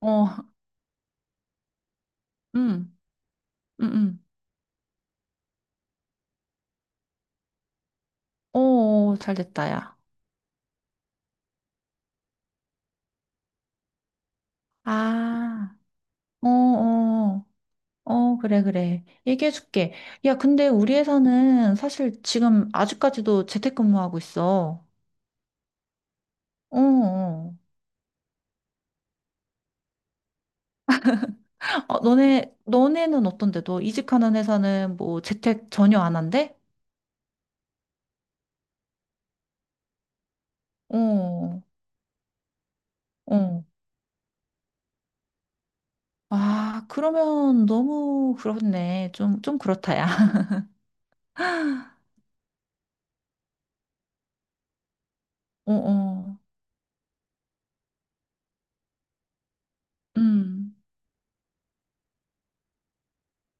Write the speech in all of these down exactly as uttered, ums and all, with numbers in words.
어, 음, 음, 음. 어, 어, 잘 됐다, 야. 아, 어, 어, 어, 그래, 그래. 얘기해줄게. 야, 근데 우리 회사는 사실 지금 아직까지도 재택근무하고 있어. 어, 어. 어, 너네, 너네는 어떤데? 너 이직하는 회사는 뭐 재택 전혀 안 한대? 어, 어. 아, 그러면 너무 그렇네. 좀, 좀 그렇다, 야. 어, 어. 음.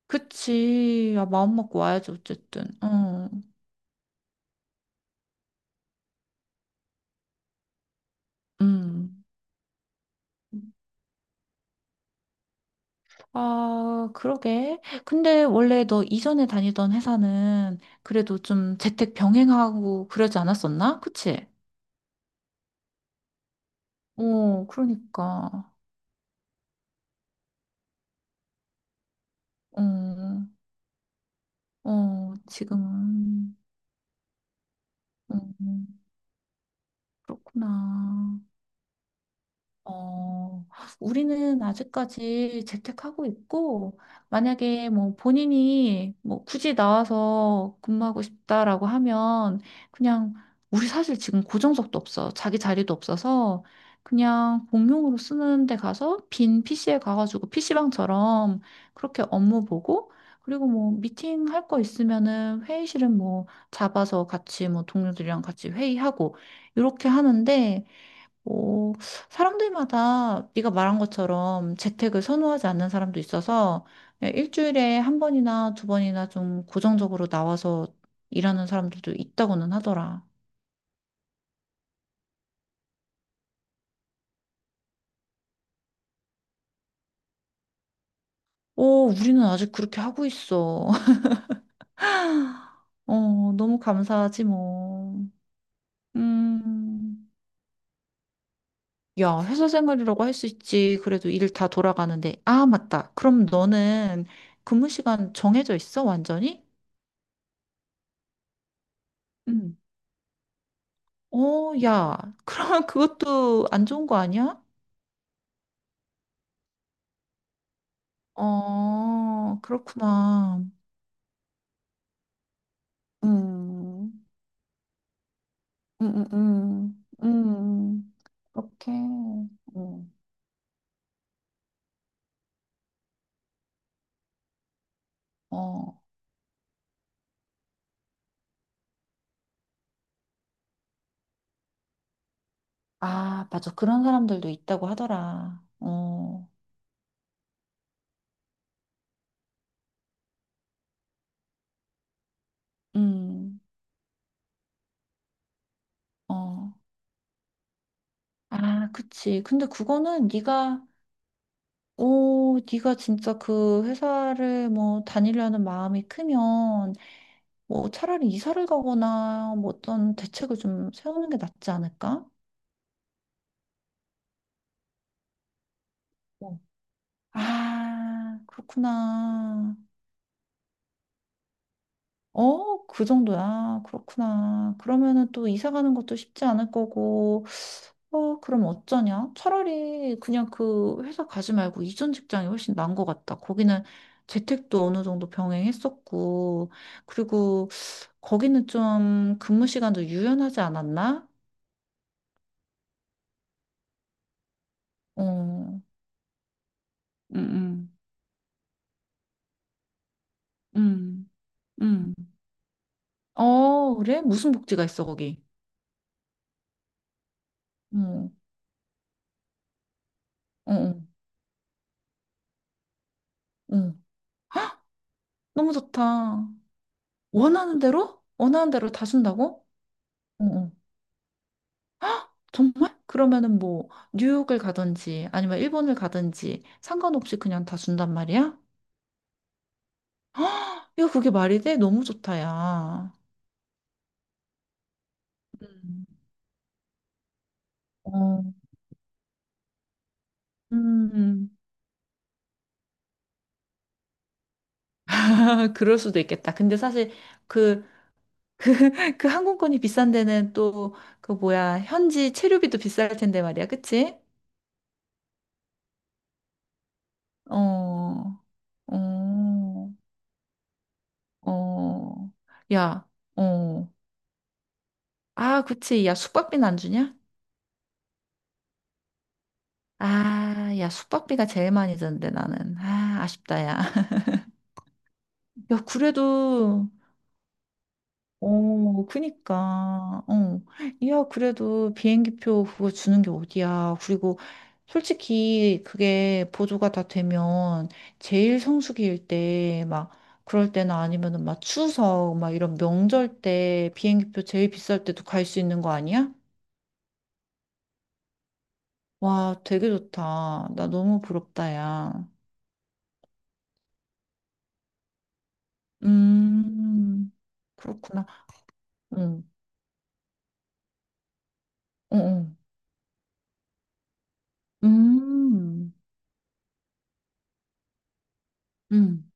그치. 야, 마음 먹고 와야지, 어쨌든. 어. 음. 아, 그러게. 근데 원래 너 이전에 다니던 회사는 그래도 좀 재택 병행하고 그러지 않았었나? 그치? 어, 그러니까. 어, 어, 지금은. 음, 그렇구나. 어, 우리는 아직까지 재택하고 있고, 만약에 뭐 본인이 뭐 굳이 나와서 근무하고 싶다라고 하면, 그냥 우리 사실 지금 고정석도 없어. 자기 자리도 없어서, 그냥 공용으로 쓰는 데 가서 빈 피시에 가가지고 피시방처럼 그렇게 업무 보고, 그리고 뭐 미팅 할 거 있으면은 회의실은 뭐 잡아서 같이 뭐 동료들이랑 같이 회의하고, 이렇게 하는데, 어, 사람들마다 네가 말한 것처럼 재택을 선호하지 않는 사람도 있어서 일주일에 한 번이나 두 번이나 좀 고정적으로 나와서 일하는 사람들도 있다고는 하더라. 오, 우리는 아직 그렇게 하고 있어. 어, 너무 감사하지 뭐. 음, 야, 회사 생활이라고 할 수 있지. 그래도 일 다 돌아가는데. 아, 맞다. 그럼 너는 근무 시간 정해져 있어, 완전히? 응. 어, 야, 그러면 그것도 안 좋은 거 아니야? 어, 그렇구나. 음, 음, 음, 음, 음. 그렇게, 음, 어, 아, 맞아. 그런 사람들도 있다고 하더라. 어, 음, 어. 아, 그치. 근데 그거는 네가, 오, 네가 진짜 그 회사를 뭐 다니려는 마음이 크면 뭐 차라리 이사를 가거나 뭐 어떤 대책을 좀 세우는 게 낫지 않을까? 어, 아, 그렇구나. 어, 그 정도야. 그렇구나. 그러면은 또 이사 가는 것도 쉽지 않을 거고, 어, 그럼 어쩌냐? 차라리 그냥 그 회사 가지 말고 이전 직장이 훨씬 나은 것 같다. 거기는 재택도 어느 정도 병행했었고, 그리고 거기는 좀 근무 시간도 유연하지 않았나? 어, 음, 음, 음, 음. 어, 그래? 무슨 복지가 있어, 거기? 어, 어, 어. 어. 너무 좋다. 원하는 대로? 원하는 대로 다 준다고? 어, 어. 정말? 그러면은 뭐, 뉴욕을 가든지, 아니면 일본을 가든지, 상관없이 그냥 다 준단 말이야? 야, 그게 말이 돼? 너무 좋다, 야. 음. 어. 음. 아, 그럴 수도 있겠다. 근데 사실 그, 그 항공권이 비싼 데는 또, 그 뭐야, 현지 체류비도 비쌀 텐데 말이야. 그치? 어. 어, 어, 야, 어. 아, 그치. 야, 숙박비는 안 주냐? 아, 야, 숙박비가 제일 많이 드는데, 나는. 아, 아쉽다, 야. 야, 그래도, 어, 그니까, 어. 야, 그래도 비행기표 그거 주는 게 어디야. 그리고 솔직히 그게 보조가 다 되면 제일 성수기일 때, 막, 그럴 때나 아니면은 막 추석, 막 이런 명절 때 비행기표 제일 비쌀 때도 갈 수 있는 거 아니야? 와, 되게 좋다. 나 너무 부럽다, 야. 음, 그렇구나. 응, 응, 응. 음, 음.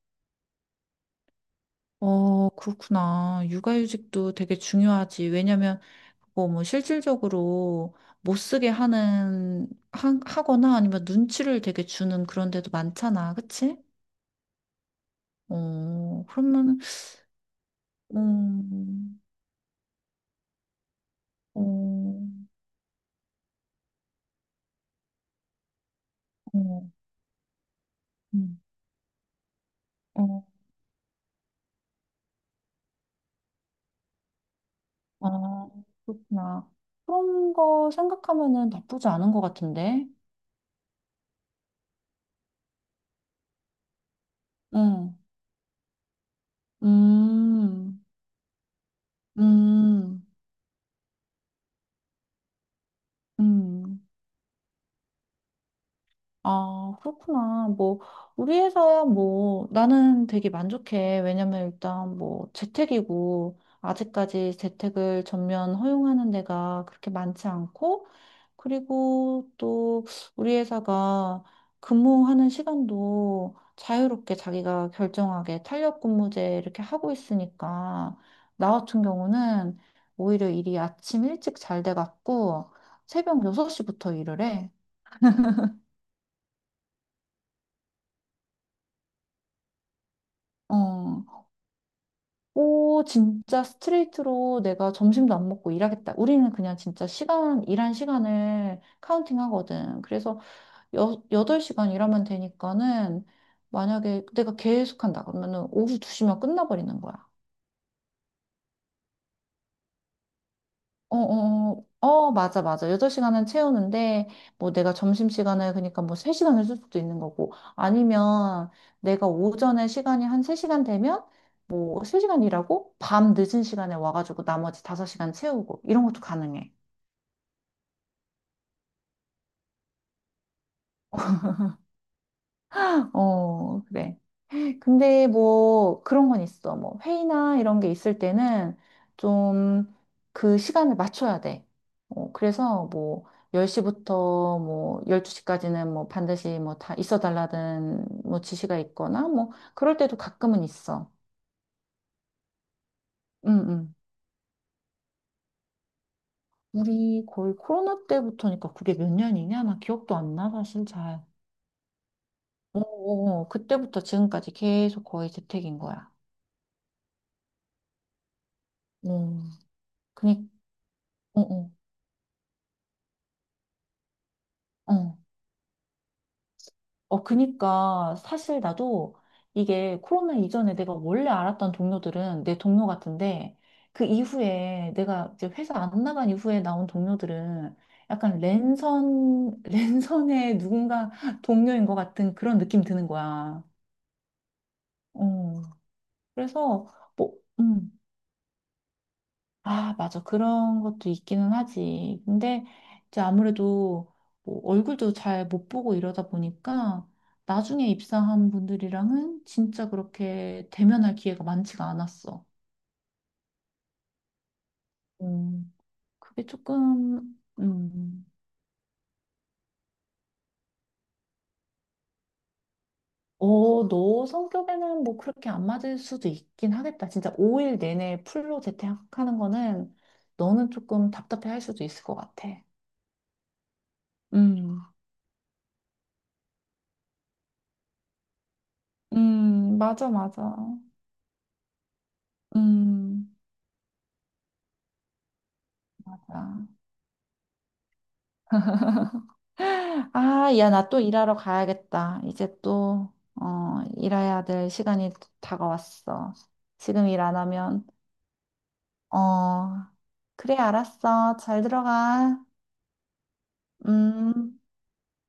어, 그렇구나. 육아휴직도 되게 중요하지. 왜냐면, 그거 뭐 실질적으로 못 쓰게 하는, 하, 하거나 아니면 눈치를 되게 주는 그런 데도 많잖아. 그치? 어, 그러면은, 음, 어, 어, 음, 어. 아, 그렇구나. 그런 거 생각하면은 나쁘지 않은 것 같은데. 응. 음, 음, 음. 아, 그렇구나. 뭐, 우리 회사야 뭐, 나는 되게 만족해. 왜냐면 일단 뭐, 재택이고, 아직까지 재택을 전면 허용하는 데가 그렇게 많지 않고, 그리고 또 우리 회사가 근무하는 시간도 자유롭게 자기가 결정하게 탄력 근무제 이렇게 하고 있으니까 나 같은 경우는 오히려 일이 아침 일찍 잘 돼갖고 새벽 여섯 시부터 일을 해. 어, 오, 진짜 스트레이트로 내가 점심도 안 먹고 일하겠다. 우리는 그냥 진짜 시간, 일한 시간을 카운팅 하거든. 그래서 여, 여덟 시간 일하면 되니까는 만약에 내가 계속 한다 그러면은 오후 두 시면 끝나버리는 거야. 어, 어, 어, 어, 맞아, 맞아. 여덟 시간은 채우는데 뭐 내가 점심시간을 그러니까 뭐 세 시간을 쓸 수도 있는 거고 아니면 내가 오전에 시간이 한 세 시간 되면 뭐 세 시간 일하고 밤 늦은 시간에 와가지고 나머지 다섯 시간 채우고 이런 것도 가능해. 어, 그래. 근데 뭐 그런 건 있어. 뭐 회의나 이런 게 있을 때는 좀 그 시간을 맞춰야 돼. 어, 그래서 뭐 열 시부터 뭐 열두 시까지는 뭐 반드시 뭐 다 있어 달라는 뭐 지시가 있거나 뭐 그럴 때도 가끔은 있어. 응, 응. 우리 거의 코로나 때부터니까 그게 몇 년이냐? 나 기억도 안 나, 사실 잘. 어, 어, 어. 그때부터 지금까지 계속 거의 재택인 거야. 어, 그니, 어, 어. 어. 어, 그니까 사실 나도 이게 코로나 이전에 내가 원래 알았던 동료들은 내 동료 같은데 그 이후에 내가 이제 회사 안 나간 이후에 나온 동료들은 약간 랜선, 랜선의 누군가 동료인 것 같은 그런 느낌 드는 거야. 어, 그래서 뭐, 음. 아, 맞아. 그런 것도 있기는 하지. 근데 이제 아무래도 뭐 얼굴도 잘 못 보고 이러다 보니까 나중에 입사한 분들이랑은 진짜 그렇게 대면할 기회가 많지가 않았어. 음, 그게 조금, 음, 어, 너 성격에는 뭐 그렇게 안 맞을 수도 있긴 하겠다. 진짜 오 일 내내 풀로 재택하는 거는 너는 조금 답답해 할 수도 있을 것 같아. 음, 음, 맞아, 맞아. 음. 아. 아, 야, 나 또 일하러 가야겠다. 이제 또, 어, 일해야 될 시간이 다가왔어. 지금 일 안 하면, 어, 그래, 알았어. 잘 들어가. 음.